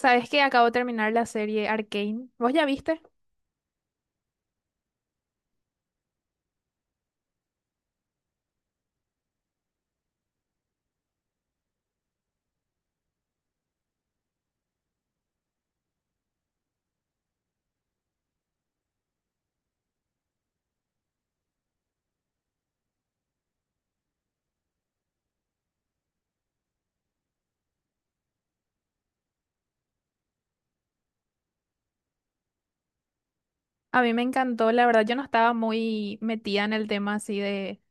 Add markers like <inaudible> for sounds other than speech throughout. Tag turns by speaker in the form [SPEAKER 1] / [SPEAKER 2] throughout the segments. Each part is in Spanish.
[SPEAKER 1] ¿Sabes que acabo de terminar la serie Arcane? ¿Vos ya viste? A mí me encantó, la verdad yo no estaba muy metida en el tema así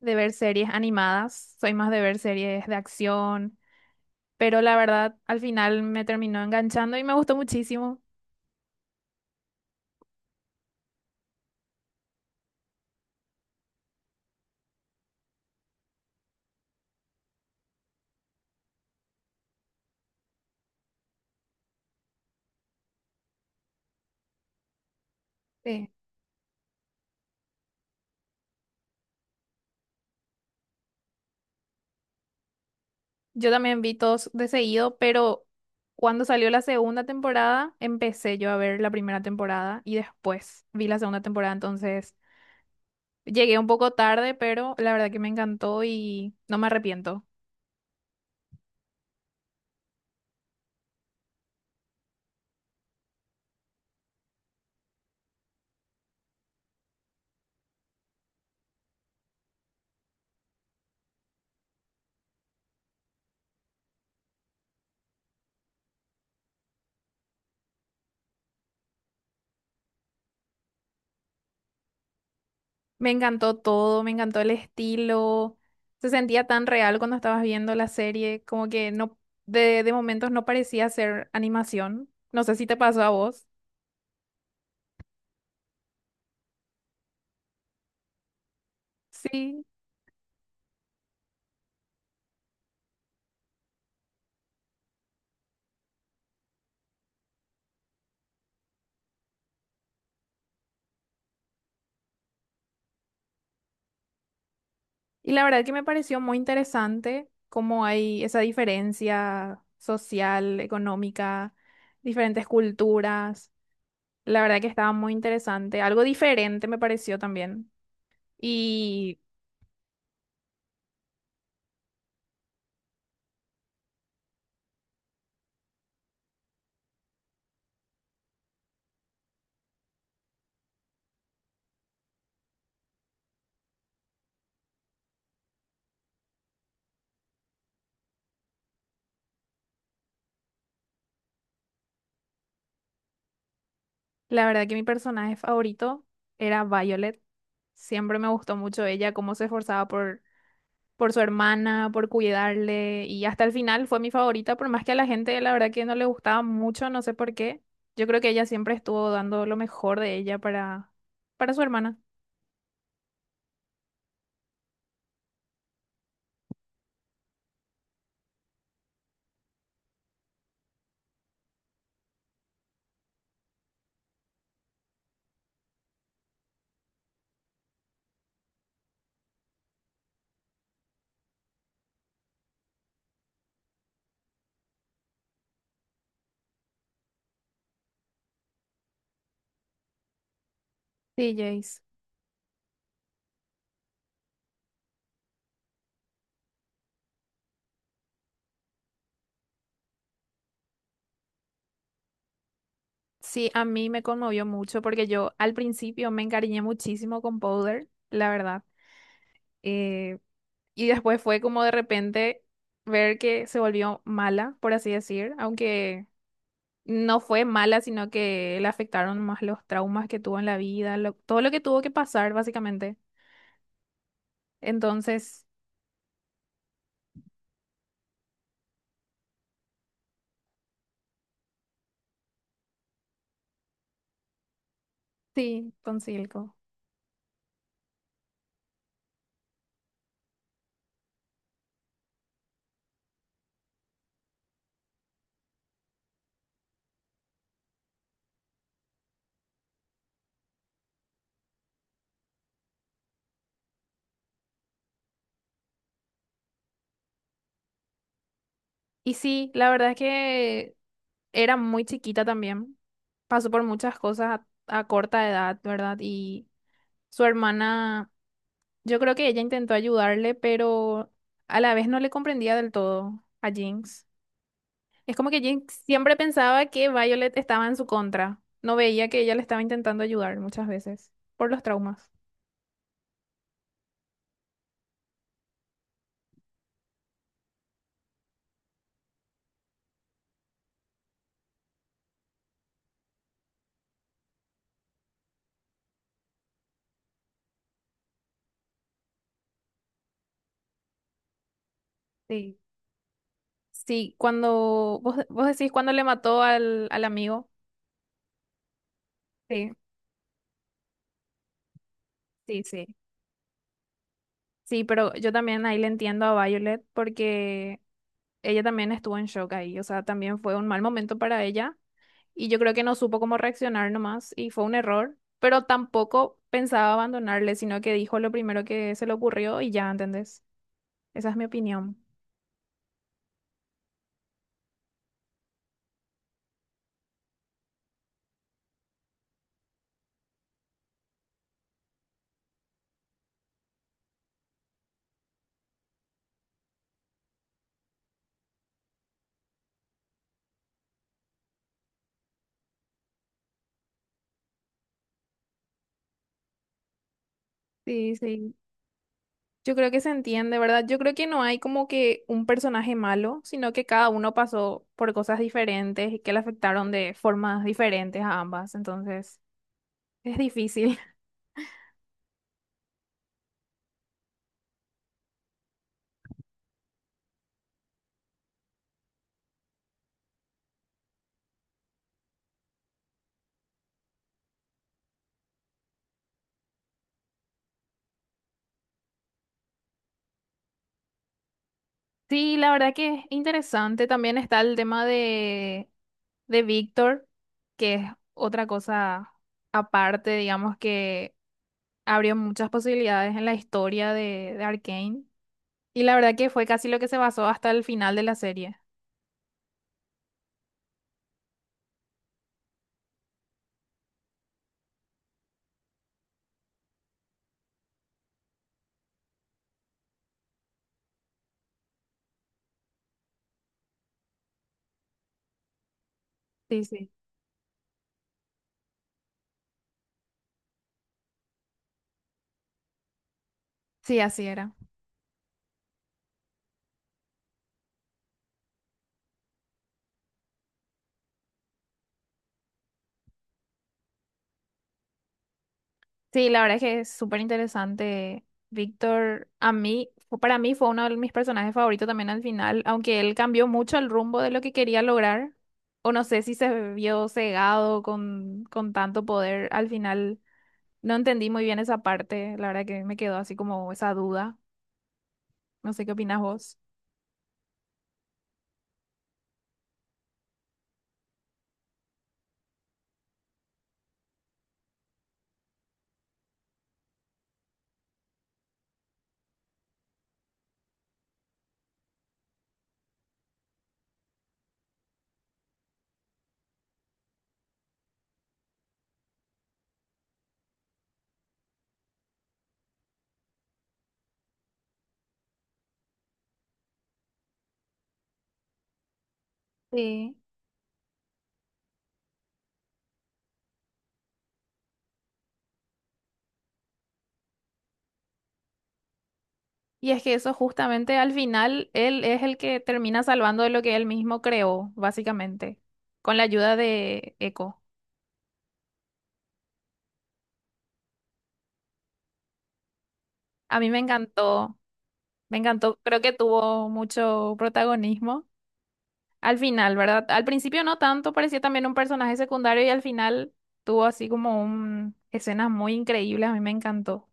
[SPEAKER 1] de ver series animadas, soy más de ver series de acción, pero la verdad al final me terminó enganchando y me gustó muchísimo. Sí. Yo también vi todos de seguido, pero cuando salió la segunda temporada empecé yo a ver la primera temporada y después vi la segunda temporada, entonces llegué un poco tarde, pero la verdad que me encantó y no me arrepiento. Me encantó todo, me encantó el estilo. Se sentía tan real cuando estabas viendo la serie, como que no, de momentos no parecía ser animación. No sé si te pasó a vos. Sí. Y la verdad que me pareció muy interesante cómo hay esa diferencia social, económica, diferentes culturas. La verdad que estaba muy interesante. Algo diferente me pareció también. Y la verdad que mi personaje favorito era Violet. Siempre me gustó mucho ella, cómo se esforzaba por su hermana, por cuidarle y hasta el final fue mi favorita, por más que a la gente la verdad que no le gustaba mucho, no sé por qué. Yo creo que ella siempre estuvo dando lo mejor de ella para su hermana. Sí, Jace. Sí, a mí me conmovió mucho porque yo al principio me encariñé muchísimo con Powder, la verdad. Eh, Y después fue como de repente ver que se volvió mala, por así decir, aunque no fue mala, sino que le afectaron más los traumas que tuvo en la vida, todo lo que tuvo que pasar, básicamente. Entonces, sí, con Silco. Y sí, la verdad es que era muy chiquita también. Pasó por muchas cosas a corta edad, ¿verdad? Y su hermana, yo creo que ella intentó ayudarle, pero a la vez no le comprendía del todo a Jinx. Es como que Jake siempre pensaba que Violet estaba en su contra. No veía que ella le estaba intentando ayudar muchas veces por los traumas. Sí, sí, cuando vos decís cuando le mató al amigo. Sí, sí, sí. Sí, pero yo también ahí le entiendo a Violet porque ella también estuvo en shock ahí. O sea, también fue un mal momento para ella y yo creo que no supo cómo reaccionar nomás y fue un error, pero tampoco pensaba abandonarle, sino que dijo lo primero que se le ocurrió y ya, ¿entendés? Esa es mi opinión. Sí, sí. Yo creo que se entiende, ¿verdad? Yo creo que no hay como que un personaje malo, sino que cada uno pasó por cosas diferentes y que le afectaron de formas diferentes a ambas. Entonces, es difícil. <laughs> Sí, la verdad que es interesante. También está el tema de Víctor, que es otra cosa aparte, digamos, que abrió muchas posibilidades en la historia de Arcane. Y la verdad que fue casi lo que se basó hasta el final de la serie. Sí, sí. Sí, así era. Sí, la verdad es que es súper interesante. Víctor, a mí, para mí fue uno de mis personajes favoritos también al final, aunque él cambió mucho el rumbo de lo que quería lograr, o no sé si se vio cegado con tanto poder, al final no entendí muy bien esa parte, la verdad que me quedó así como esa duda, no sé qué opinas vos. Sí. Y es que eso justamente al final, él es el que termina salvando de lo que él mismo creó, básicamente, con la ayuda de Echo. A mí me encantó. Me encantó, creo que tuvo mucho protagonismo al final, ¿verdad? Al principio no tanto, parecía también un personaje secundario y al final tuvo así como un escenas muy increíbles, a mí me encantó.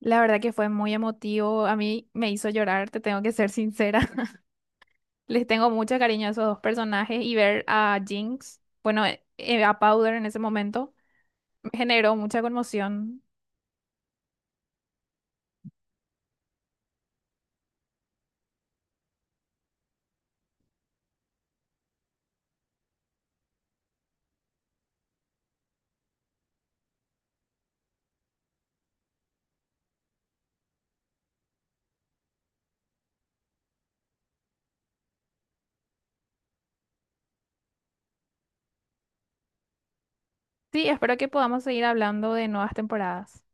[SPEAKER 1] La verdad que fue muy emotivo, a mí me hizo llorar, te tengo que ser sincera. <laughs> Les tengo mucho cariño a esos dos personajes y ver a Jinx, bueno, a Powder en ese momento, me generó mucha conmoción. Sí, espero que podamos seguir hablando de nuevas temporadas.